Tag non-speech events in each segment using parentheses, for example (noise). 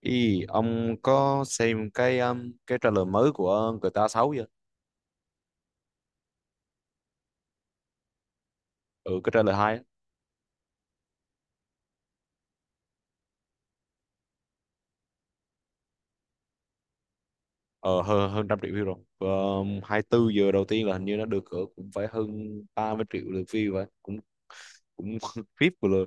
Ý, ông có xem cái trailer mới của GTA 6 chưa? Ừ, cái trailer 2 á. Ờ, hơn 100 triệu view rồi. Và 24 giờ đầu tiên là hình như nó được cỡ cũng phải hơn 30 triệu lượt view vậy. Cũng cũng (laughs) VIP của lượt.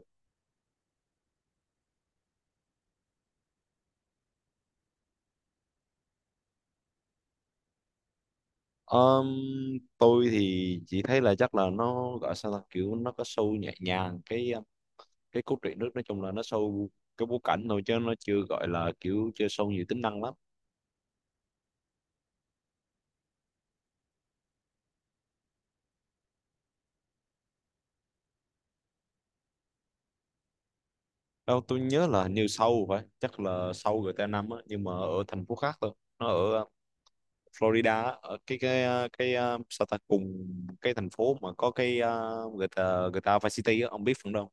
Um, tôi thì chỉ thấy là chắc là nó gọi sao ta, kiểu nó có show nhẹ nhàng cái cốt truyện nước, nói chung là nó show cái bối cảnh thôi chứ nó chưa gọi là kiểu chưa show nhiều tính năng lắm đâu. Tôi nhớ là hình như sâu phải chắc là sâu GTA 5 á, nhưng mà ở thành phố khác thôi. Nó ở Florida á, ở cái sao ta, cùng cái thành phố mà có cái GTA GTA Vice City á, ông biết phần đâu.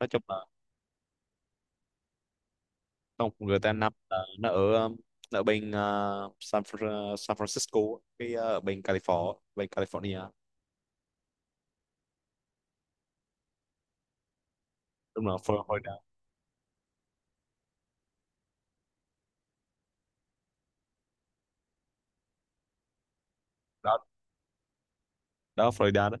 Nói chung là không, GTA 5 là nó ở ở bên San Francisco á, ở bên California đúng là Florida đó, Florida đó.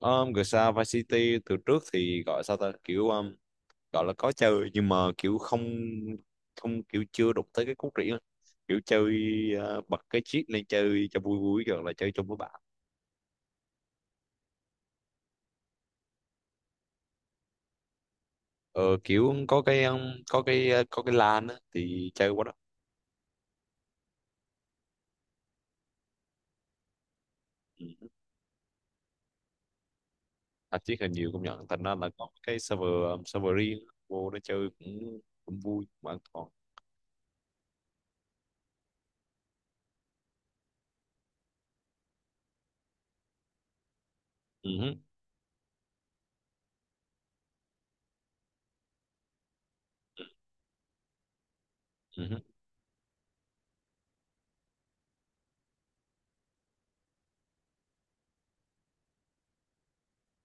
GTA Vice City từ trước thì gọi sao ta, kiểu gọi là có chơi nhưng mà kiểu không không kiểu chưa đụng tới cái cốt truyện á. Kiểu chơi, bật cái cheat lên chơi cho vui vui rồi là chơi chung với bạn. Ờ, Kiểu có cái ờ, có cái LAN á, thì chơi quá đó. Ừ. Tạp chí hình nhiều công nhận, thành ra là có cái server server riêng vô đó chơi cũng cũng vui mà an toàn. Ừ hứ. Ừ hứ.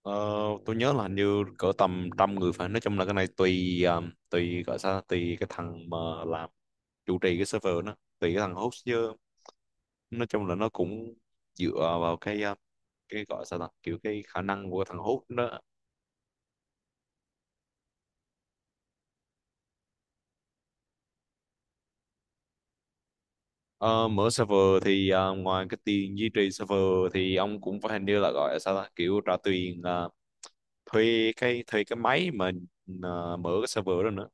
Ờ, tôi nhớ là hình như cỡ tầm trăm người, phải nói chung là cái này tùy tùy, gọi sao, tùy cái thằng mà làm chủ trì cái server, nó tùy cái thằng host chứ. Nói chung là nó cũng dựa vào cái gọi sao ta, kiểu cái khả năng của thằng Hút đó. Ờ, mở server thì ngoài cái tiền duy trì server thì ông cũng phải, hình như là gọi là sao ta, kiểu trả tiền thuê cái máy mà mở cái server đó nữa.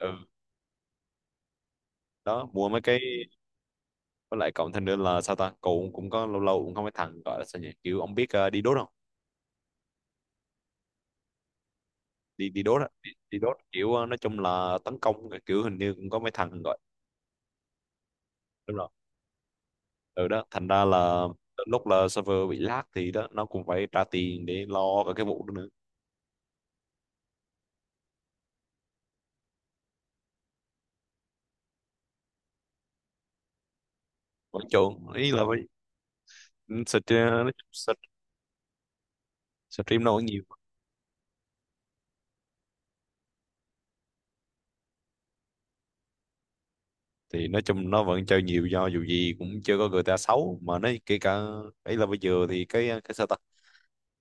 Ừ, đó mua mấy cái. Với lại cộng thêm nữa là sao ta, cậu cũng có lâu lâu cũng không, mấy thằng gọi là sao nhỉ, kiểu ông biết đi đốt không? Đi đi đốt á, đi đốt kiểu nói chung là tấn công, kiểu hình như cũng có mấy thằng gọi. Đúng rồi, ừ, đó thành ra là đến lúc là server bị lag thì đó, nó cũng phải trả tiền để lo cả cái vụ đó nữa. Vẫn chuộng, ý là phải stream. Stream nó vẫn nhiều thì nói chung nó vẫn chơi nhiều, do dù gì cũng chưa có GTA 6 mà. Nó kể cả ấy là bây giờ thì cái sao ta,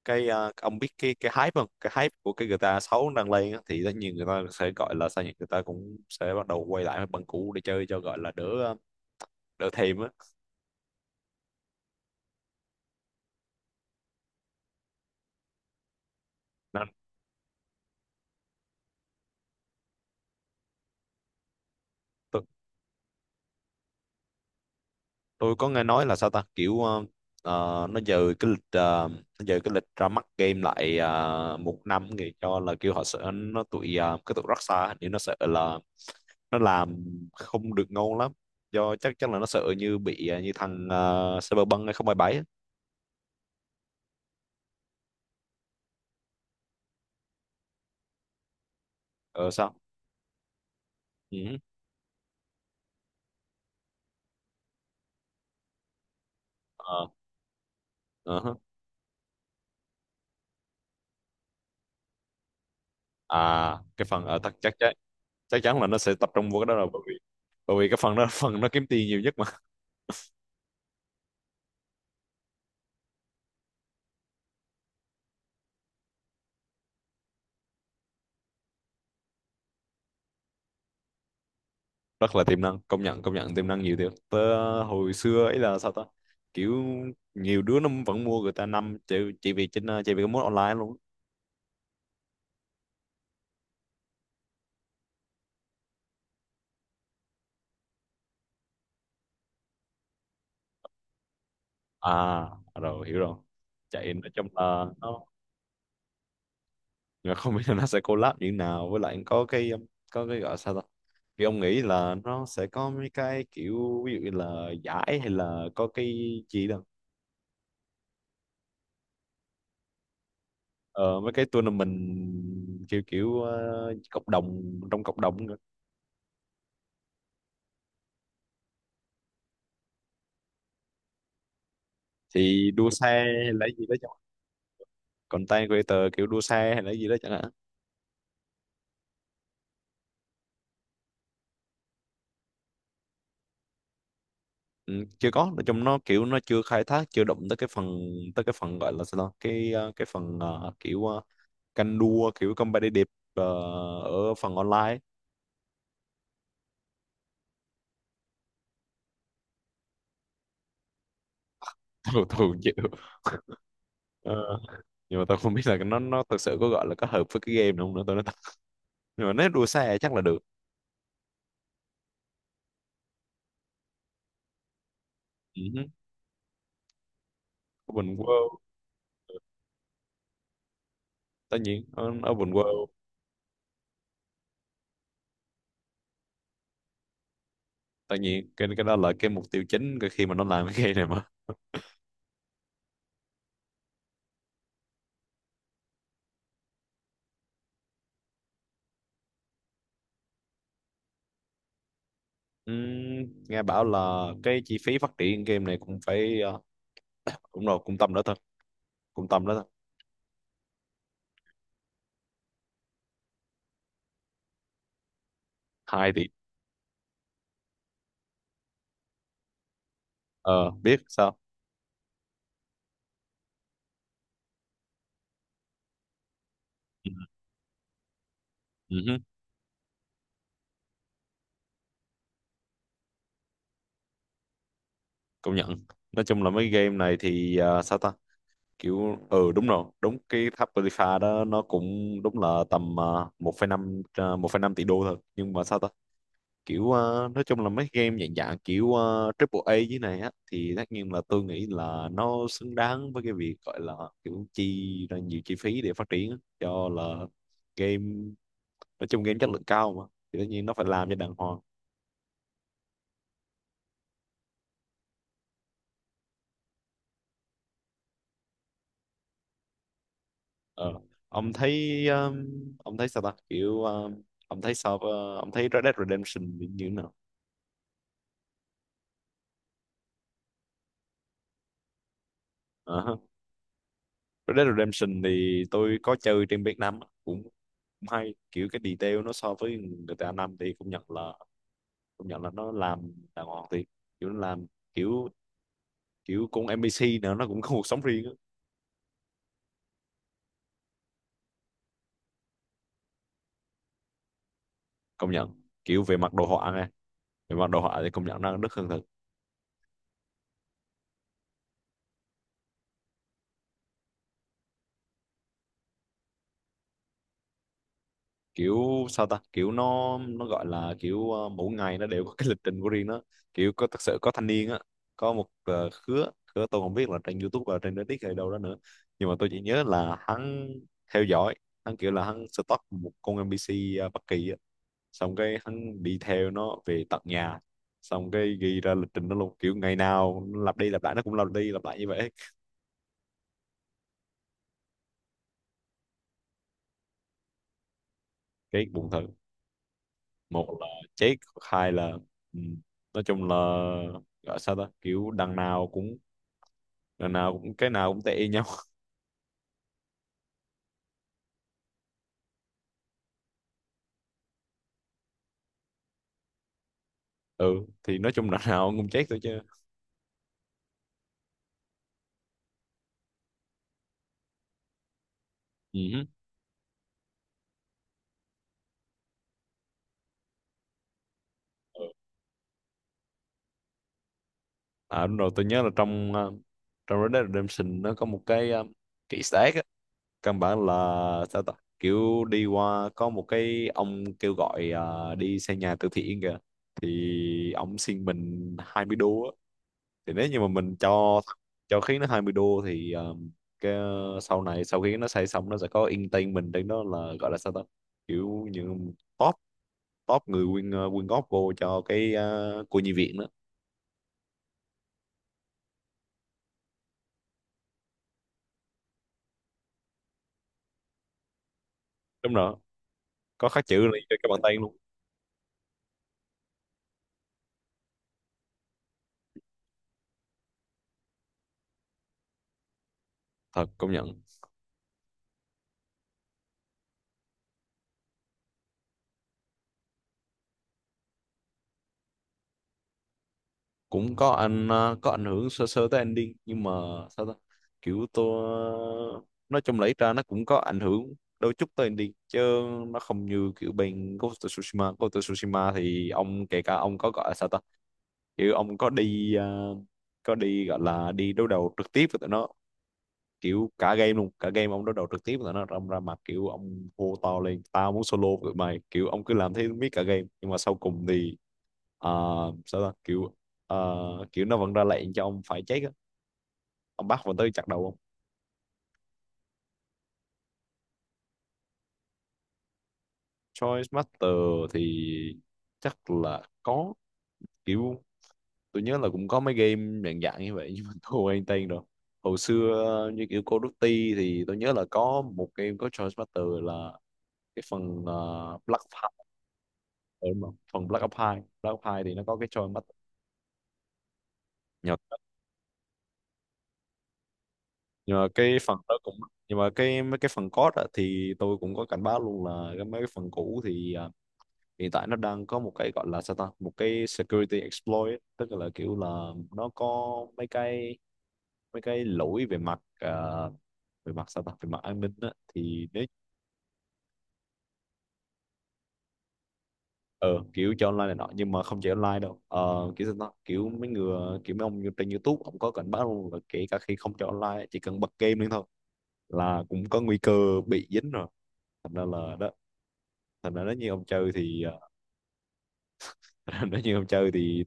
ông biết cái hype không, cái hype của cái GTA 6 đang lên á, thì tất nhiên người ta sẽ gọi là sao nhỉ, người ta cũng sẽ bắt đầu quay lại bằng cũ để chơi cho gọi là đỡ đỡ thèm á. Nên tôi tôi có nghe nói là sao ta, kiểu nó dời cái lịch, nó dời cái lịch ra mắt game lại một năm, thì cho là kêu họ sợ nó tụi cái tụi Rockstar, hình như nó sợ là nó làm không được ngon lắm, do chắc chắn là nó sợ như bị như thằng Cyberpunk 2077 ấy. Ờ sao? Ừ. Ờ. Ờ hả. À cái phần ờ, chắc chắc chắc chắc chắn là nó sẽ tập trung vào cái đó rồi, bởi vì cái phần đó (laughs) là phần nó kiếm tiền nhiều nhất. Rất là tiềm năng, công nhận, tiềm năng nhiều thiệt tớ. Hồi xưa ấy là sao ta, kiểu nhiều đứa nó vẫn mua người ta năm chỉ vì trên chỉ vì cái mốt online luôn. À rồi, hiểu rồi. Chạy, nói chung là nó, nhưng mà không biết là nó sẽ collab như thế nào. Với lại có cái gọi sao ta, thì ông nghĩ là nó sẽ có mấy cái kiểu, ví dụ như là giải hay là có cái gì đó. Ờ, Mấy cái tournament kiểu kiểu cộng đồng, trong cộng đồng nữa. Thì đua xe hay là gì đó, content creator kiểu đua xe hay là gì đó chẳng hạn. Ừ, chưa có, nói chung nó kiểu nó chưa khai thác, chưa động tới cái phần gọi là sao ta? Cái phần canh đua kiểu competitive ở phần online. (laughs) Tôi chịu. (laughs) Ờ, nhưng mà tôi không biết là nó thực sự có gọi là có hợp với cái game này không nữa, tôi nói thật. Nhưng mà nếu đua xe chắc là được. Ừ hứ. Open World, tất nhiên Open World. Tất nhiên cái đó là cái mục tiêu chính, cái khi mà nó làm cái game này mà. Nghe bảo là cái chi phí phát triển game này cũng phải cũng rồi cung tâm đó thật, cung tâm đó thật hai tỷ. Ờ biết sao. Ừ ừ hứ. Công nhận, nói chung là mấy game này thì à, sao ta, kiểu ừ đúng rồi, đúng cái tháp Potiphar đó nó cũng đúng là tầm 1,5, 1,5 tỷ đô thôi. Nhưng mà sao ta, kiểu à, nói chung là mấy game dạng dạng kiểu triple A dưới này á, thì tất nhiên là tôi nghĩ là nó xứng đáng với cái việc gọi là kiểu chi ra nhiều chi phí để phát triển á. Cho là game, nói chung game chất lượng cao mà, thì tất nhiên nó phải làm cho đàng hoàng. Ờ. Ông thấy um, ông thấy sao ta, kiểu ông thấy Red Dead Redemption thì như thế nào? Ờ ha. Red Dead Redemption thì tôi có chơi trên Việt Nam á, cũng, cũng hay, kiểu cái detail nó so với GTA 5 thì cũng nhận là nó làm đàng hoàng. Thì kiểu nó làm, kiểu kiểu con NPC nữa, nó cũng có cuộc sống riêng á. Công nhận, kiểu về mặt đồ họa nghe, về mặt đồ họa thì công nhận nó rất hơn. Kiểu sao ta, kiểu nó gọi là kiểu mỗi ngày nó đều có cái lịch trình của riêng nó. Kiểu có thật sự, có thanh niên á, có một khứa khứa, tôi không biết là trên YouTube và trên Reddit hay đâu đó nữa, nhưng mà tôi chỉ nhớ là hắn theo dõi. Hắn kiểu là hắn stalk một con NPC bất kỳ á, xong cái hắn đi theo nó về tận nhà, xong cái ghi ra lịch trình nó luôn, kiểu ngày nào lặp đi lặp lại, nó cũng lặp đi lặp lại như vậy. Cái buồn thật. Một là chết, hai là, ừ, nói chung là gọi sao ta, kiểu đằng nào cũng, cái nào cũng tệ y nhau. (laughs) Ừ thì nói chung đằng nào cũng chết thôi chứ. Ừ hứ. À đúng rồi, tôi nhớ là trong trong Red Dead Redemption nó có một cái kỹ stack á, căn bản là sao ta, kiểu đi qua có một cái ông kêu gọi đi xây nhà từ thiện kìa, thì ông xin mình 20 đô á. Thì nếu như mà mình cho khiến nó 20 đô thì cái sau này, sau khi nó xây xong nó sẽ có entertainment trên đó, là gọi là sao ta, kiểu như top top người quyên, quyên góp vô cho cái cô nhi viện đó. Đúng rồi, có khắc chữ lên cho cái bàn tay luôn. Thật, công nhận. Cũng có anh, có ảnh hưởng sơ sơ tới ending nhưng mà sao ta, kiểu tôi nói chung lấy ra, nó cũng có ảnh hưởng đôi chút tới ending chứ. Nó không như kiểu bên Ghost of Tsushima. Ghost of Tsushima thì ông kể cả ông có gọi là sao ta, kiểu ông có đi có đi gọi là đi đối đầu trực tiếp với tụi nó, kiểu cả game luôn, cả game ông đối đầu trực tiếp với tụi nó, ông ra mặt kiểu ông hô to lên "tao muốn solo với tụi mày", kiểu ông cứ làm thế miết cả game, nhưng mà sau cùng thì ờ, sao ta, kiểu kiểu nó vẫn ra lệnh cho ông phải chết á, ông bắt vào tới chặt đầu ông. Choice Master thì chắc là có, kiểu tôi nhớ là cũng có mấy game dạng dạng như vậy, nhưng mà (laughs) tôi quên tên rồi. Hồi xưa như kiểu Call of Duty thì tôi nhớ là có một game có choice battle là cái phần Black Ops, đúng không? Phần Black Ops 2 thì nó có cái choice battle. Nhờ- nhưng mà cái phần đó cũng, nhưng mà mấy cái phần code á, thì tôi cũng có cảnh báo luôn là mấy cái phần cũ thì hiện tại nó đang có một cái gọi là sao ta một cái security exploit ấy. Tức là kiểu là nó có mấy cái mấy cái lỗi về mặt về mặt sao ta về mặt an ninh á, thì nếu ờ, kiểu cho online này nọ, nhưng mà không chỉ online đâu. Ờ, kiểu sao ta kiểu mấy người, kiểu mấy ông trên YouTube ông có cảnh báo luôn là kể cả khi không cho online, chỉ cần bật game lên thôi là cũng có nguy cơ bị dính rồi. Thành ra là đó, thành ra nếu như ông chơi thì ờ, (laughs) nếu như ông chơi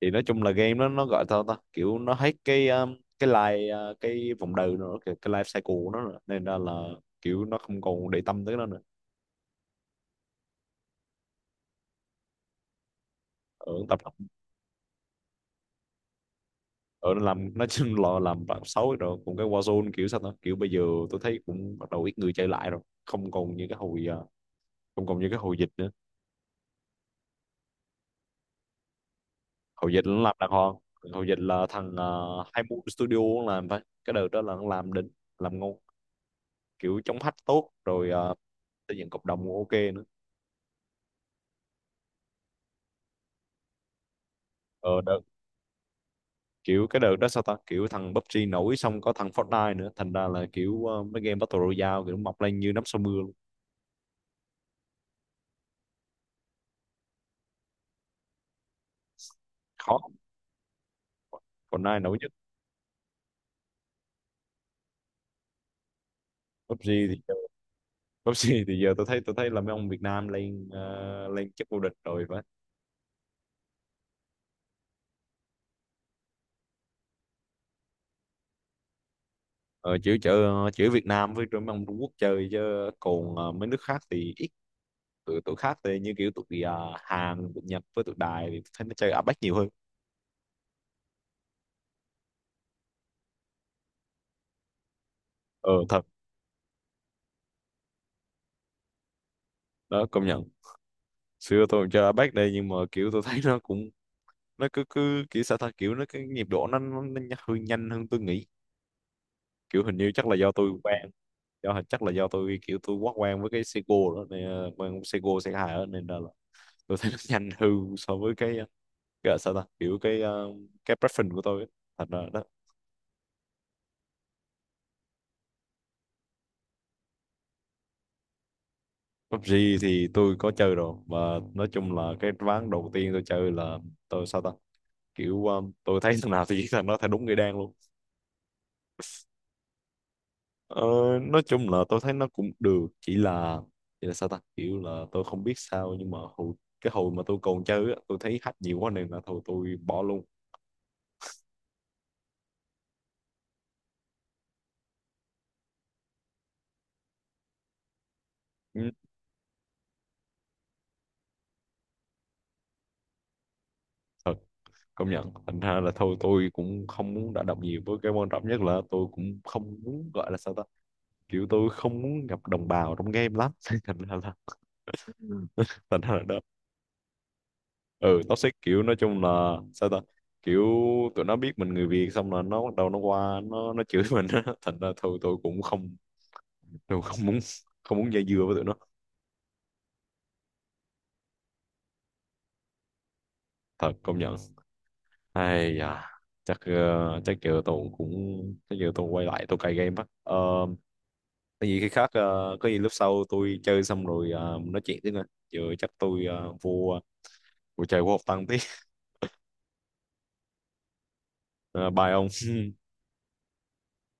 thì nói chung là game nó gọi sao ta kiểu nó hết cái life cái vòng đời nó, cái life cycle của nó nữa, nên ra là kiểu nó không còn để tâm tới nó nữa. Ở tập, ở nó làm nó (laughs) chung là làm bạn xấu rồi. Còn cái Warzone, kiểu sao ta kiểu bây giờ tôi thấy cũng bắt đầu ít người chơi lại rồi, không còn như cái hồi không còn như cái hồi dịch nữa. Hồi dịch nó làm đàng hoàng, hồi dịch là thằng hai mươi studio nó làm phải, cái đợt đó là nó làm đỉnh, làm ngon, kiểu chống hack tốt rồi, xây dựng cộng đồng cũng ok nữa. Ờ đợt Kiểu cái đợt đó sao ta kiểu thằng PUBG nổi, xong có thằng Fortnite nữa, thành ra là kiểu ờ, mấy game Battle Royale kiểu mọc lên như nắm sau mưa luôn. Khó, còn ai nổi nhất. PUBG thì Cúp C thì giờ tôi thấy là mấy ông Việt Nam lên lên chức vô địch rồi phải. Ờ, chữ Việt Nam với mấy ông Trung Quốc chơi, chứ còn ờ, mấy nước khác thì ít. Tụi tụi khác thì như kiểu tụi ờ, Hàn, tụi Nhật với tụi Đài thì tôi thấy nó chơi APEC nhiều hơn. Ờ thật, đó công nhận. Xưa tôi cũng chơi APEC đây, nhưng mà kiểu tôi thấy nó cũng, nó cứ cứ kiểu sao ta kiểu nó cái nhịp độ nó hơi nhanh hơn tôi nghĩ. Kiểu hình như chắc là do tôi quen, chắc là do tôi kiểu tôi quá quen với cái Seiko đó nên ờ, quen Seiko C2 đó nên là tôi thấy nó (laughs) nhanh hư so với cái gọi là sao ta kiểu cái ờ, cái preference của tôi ấy. Thành ra đó. PUBG thì tôi có chơi rồi, mà nói chung là cái ván đầu tiên tôi chơi là tôi sao ta kiểu ờ, tôi thấy thằng nào thì (laughs) giết thằng đó, thấy đúng người đen luôn. Ờ, nói chung là tôi thấy nó cũng được, chỉ là sao ta kiểu là tôi không biết sao, nhưng mà hồi, cái hồi mà tôi còn chơi á, tôi thấy hack nhiều quá nên là thôi tôi bỏ luôn. Ừ. Thật, công nhận. Thành ra là thôi tôi cũng không muốn đả động nhiều với cái, quan trọng nhất là tôi cũng không muốn gọi là sao ta kiểu tôi không muốn gặp đồng bào trong game lắm. (laughs) Thành ra là (laughs) thành ra là đó. Ừ, toxic, kiểu nói chung là sao ta kiểu tụi nó biết mình người Việt xong là nó bắt đầu nó qua nó chửi (laughs) mình á. Thành ra thôi tôi cũng không muốn không muốn dây dưa với tụi nó. Thật, công nhận. Ai da, chắc giờ tôi cũng, chắc giờ tôi quay lại tôi cài game á. Ờ, có gì khi khác, ờ, có gì lúc sau tôi chơi xong rồi ờ, nói chuyện tiếp nè. Giờ chắc tôi ờ, vô vô chơi vô học tăng tí. (laughs) Ờ, bye ông. (laughs)